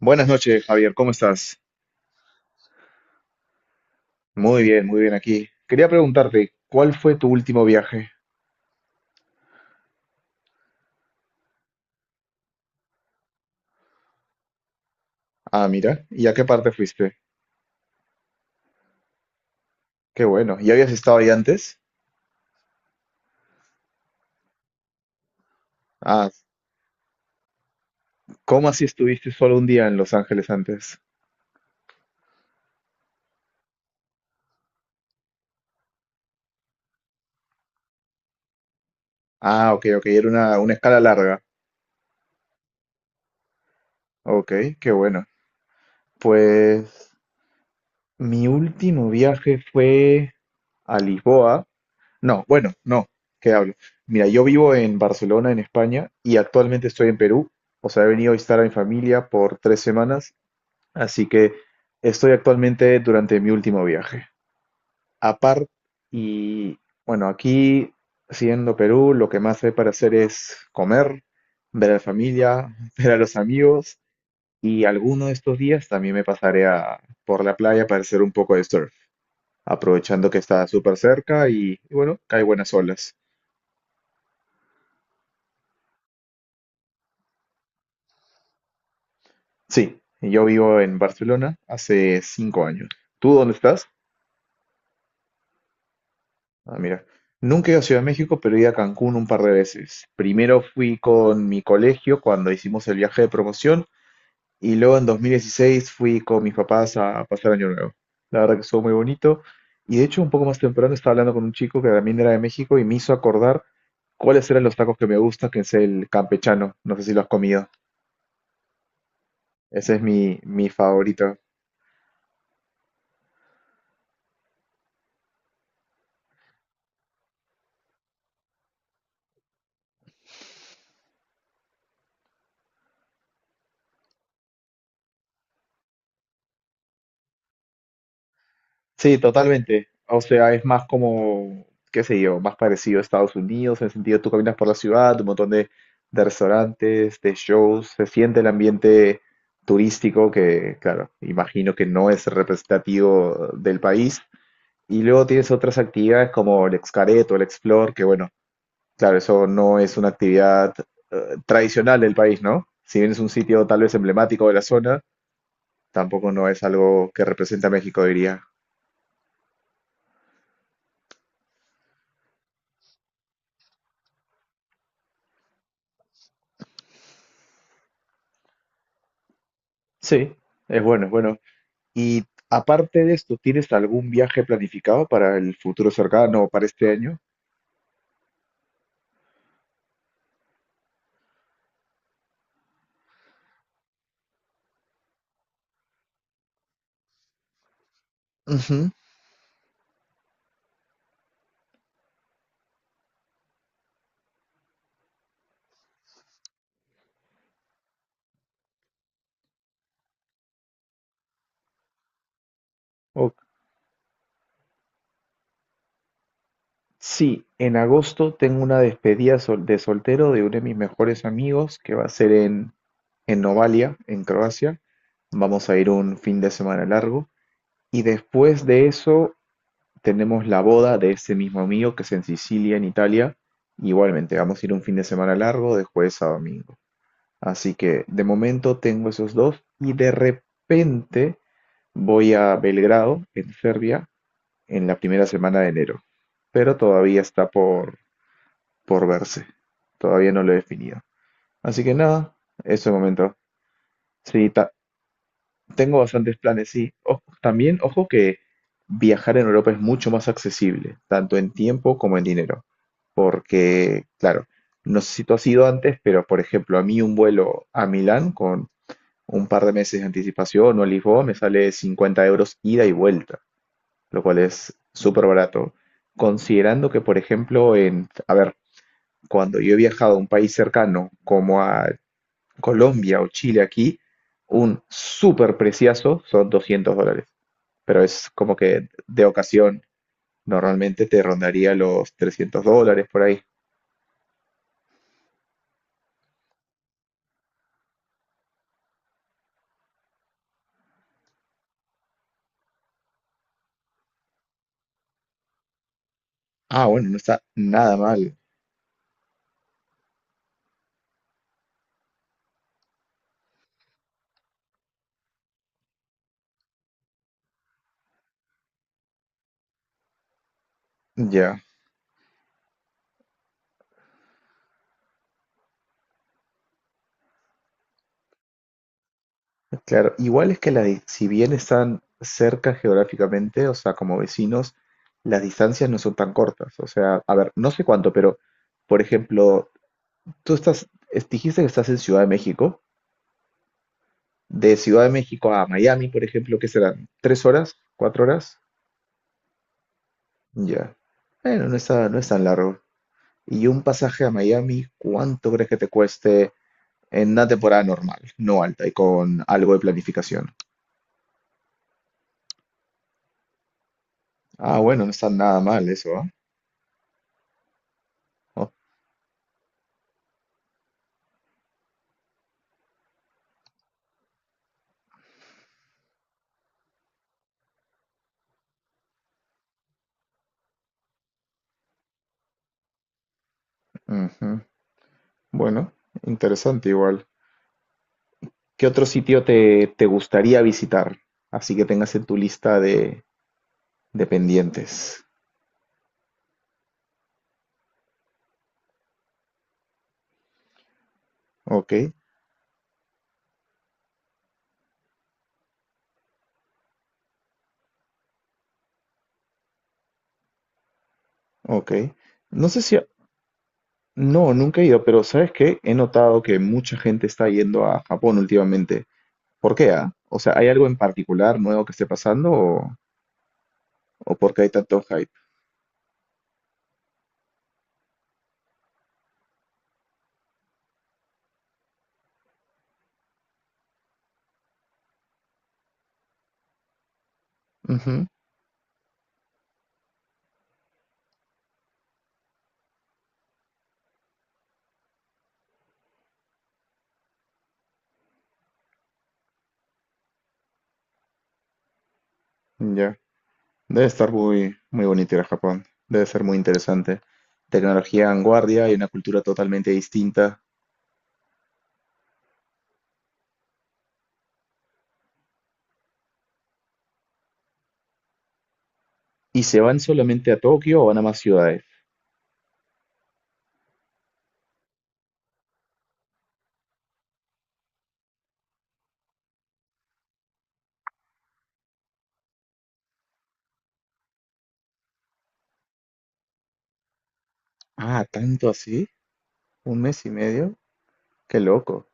Buenas noches, Javier, ¿cómo estás? Muy bien aquí. Quería preguntarte, ¿cuál fue tu último viaje? Ah, mira, ¿y a qué parte fuiste? Qué bueno, ¿y habías estado ahí antes? Ah, ¿cómo así estuviste solo un día en Los Ángeles antes? Ah, ok, ok, era una escala larga. Ok, qué bueno. Pues mi último viaje fue a Lisboa. No, bueno, no, ¿qué hablo? Mira, yo vivo en Barcelona, en España, y actualmente estoy en Perú. O sea, he venido a visitar a mi familia por 3 semanas. Así que estoy actualmente durante mi último viaje. Aparte, y bueno, aquí, siendo Perú, lo que más hay para hacer es comer, ver a la familia, ver a los amigos, y alguno de estos días también por la playa para hacer un poco de surf, aprovechando que está súper cerca y bueno, cae buenas olas. Sí, yo vivo en Barcelona hace 5 años. ¿Tú dónde estás? Ah, mira, nunca he ido a Ciudad de México, pero he ido a Cancún un par de veces. Primero fui con mi colegio cuando hicimos el viaje de promoción y luego en 2016 fui con mis papás a pasar Año Nuevo. La verdad que estuvo muy bonito, y de hecho un poco más temprano estaba hablando con un chico que también era de México y me hizo acordar cuáles eran los tacos que me gustan, que es el campechano. No sé si lo has comido. Ese es mi favorito. Sí, totalmente. O sea, es más como, qué sé yo, más parecido a Estados Unidos, en el sentido tú caminas por la ciudad, un montón de restaurantes, de shows, se siente el ambiente turístico que, claro, imagino que no es representativo del país. Y luego tienes otras actividades como el Xcaret o el Explore, que bueno, claro, eso no es una actividad tradicional del país, ¿no? Si bien es un sitio tal vez emblemático de la zona, tampoco no es algo que representa a México, diría. Sí, es bueno, es bueno. Y aparte de esto, ¿tienes algún viaje planificado para el futuro cercano o para este año? Ujú. O- sí, en agosto tengo una de soltero de uno de mis mejores amigos que va a ser en Novalia, en Croacia. Vamos a ir un fin de semana largo. Y después de eso tenemos la boda de ese mismo amigo que es en Sicilia, en Italia. Igualmente, vamos a ir un fin de semana largo de jueves a domingo. Así que de momento tengo esos dos y de repente voy a Belgrado, en Serbia, en la primera semana de enero. Pero todavía está por verse. Todavía no lo he definido. Así que nada, eso de momento. Sí, tengo bastantes planes, sí. Ojo que viajar en Europa es mucho más accesible, tanto en tiempo como en dinero. Porque, claro, no sé si tú has ido antes, pero por ejemplo, a mí un vuelo a Milán con un par de meses de anticipación o el Lisboa, me sale 50 euros ida y vuelta, lo cual es súper barato. Considerando que, por ejemplo, a ver, cuando yo he viajado a un país cercano como a Colombia o Chile aquí, un súper preciazo son 200 dólares, pero es como que de ocasión normalmente te rondaría los 300 dólares por ahí. Ah, bueno, no está nada mal. Ya. Claro, igual es que si bien están cerca geográficamente, o sea, como vecinos, las distancias no son tan cortas. O sea, a ver, no sé cuánto, pero, por ejemplo, dijiste que estás en Ciudad de México. De Ciudad de México a Miami, por ejemplo, ¿qué serán? ¿Tres horas? ¿Cuatro horas? Ya. Bueno, no es tan largo. Y un pasaje a Miami, ¿cuánto crees que te cueste en una temporada normal, no alta y con algo de planificación? Ah, bueno, no está nada mal eso, ¿ah? Oh, ujú. Bueno, interesante igual. ¿Qué otro sitio te gustaría visitar? Así que tengas en tu lista de pendientes. Ok, ok. No sé si... No, nunca he ido, pero ¿sabes qué? He notado que mucha gente está yendo a Japón últimamente. ¿Por qué, ah? O sea, ¿hay algo en particular nuevo que esté pasando o por qué hay tanto hype? Ujú. Ya. Debe estar muy, muy bonito ir a Japón. Debe ser muy interesante. Tecnología vanguardia y una cultura totalmente distinta. ¿Y se van solamente a Tokio o van a más ciudades? Ah, tanto así, un mes y medio, qué loco,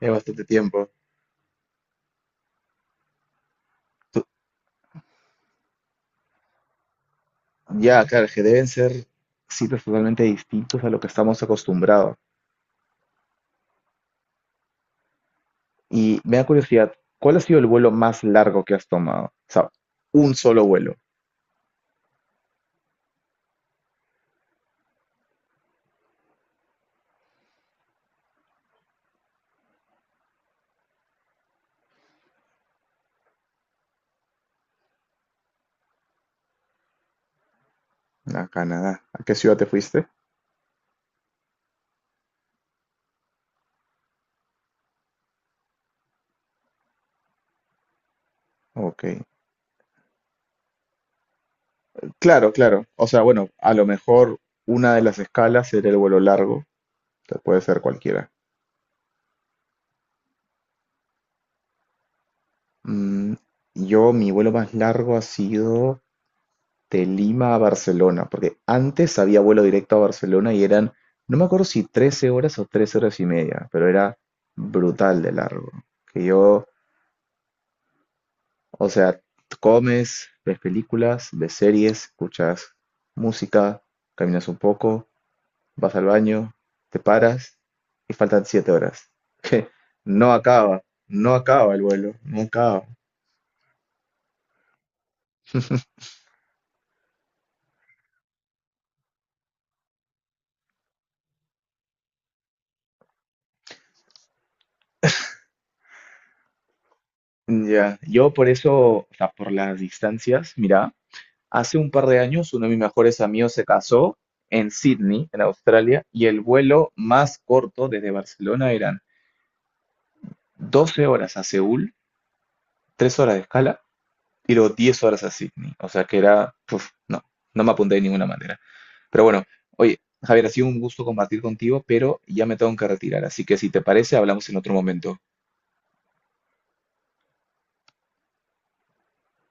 es bastante tiempo. Tú- Ya, claro, que deben ser sitios totalmente distintos a lo que estamos acostumbrados. Y me da curiosidad, ¿cuál ha sido el vuelo más largo que has tomado? O sea, un solo vuelo a Canadá. ¿A qué ciudad te fuiste? Ok. Claro, claro. O sea, bueno, a lo mejor una de las escalas era el vuelo largo, o sea, puede ser cualquiera. Mm, yo, mi vuelo más largo ha sido de Lima a Barcelona, porque antes había vuelo directo a Barcelona y eran, no me acuerdo si 13 horas o 3 horas y media, pero era brutal de largo. Que yo, o sea, comes, ves películas, ves series, escuchas música, caminas un poco, vas al baño, te paras y faltan 7 horas. Que no acaba, no acaba el vuelo, no acaba. Ya, yo por eso, o sea, por las distancias, mira, hace un par de años uno de mis mejores amigos se casó en Sydney, en Australia, y el vuelo más corto desde Barcelona eran 12 horas a Seúl, 3 horas de escala, y luego 10 horas a Sydney. O sea que era, uf, no, no me apunté de ninguna manera. Pero bueno, oye, Javier, ha sido un gusto compartir contigo, pero ya me tengo que retirar, así que si te parece, hablamos en otro momento.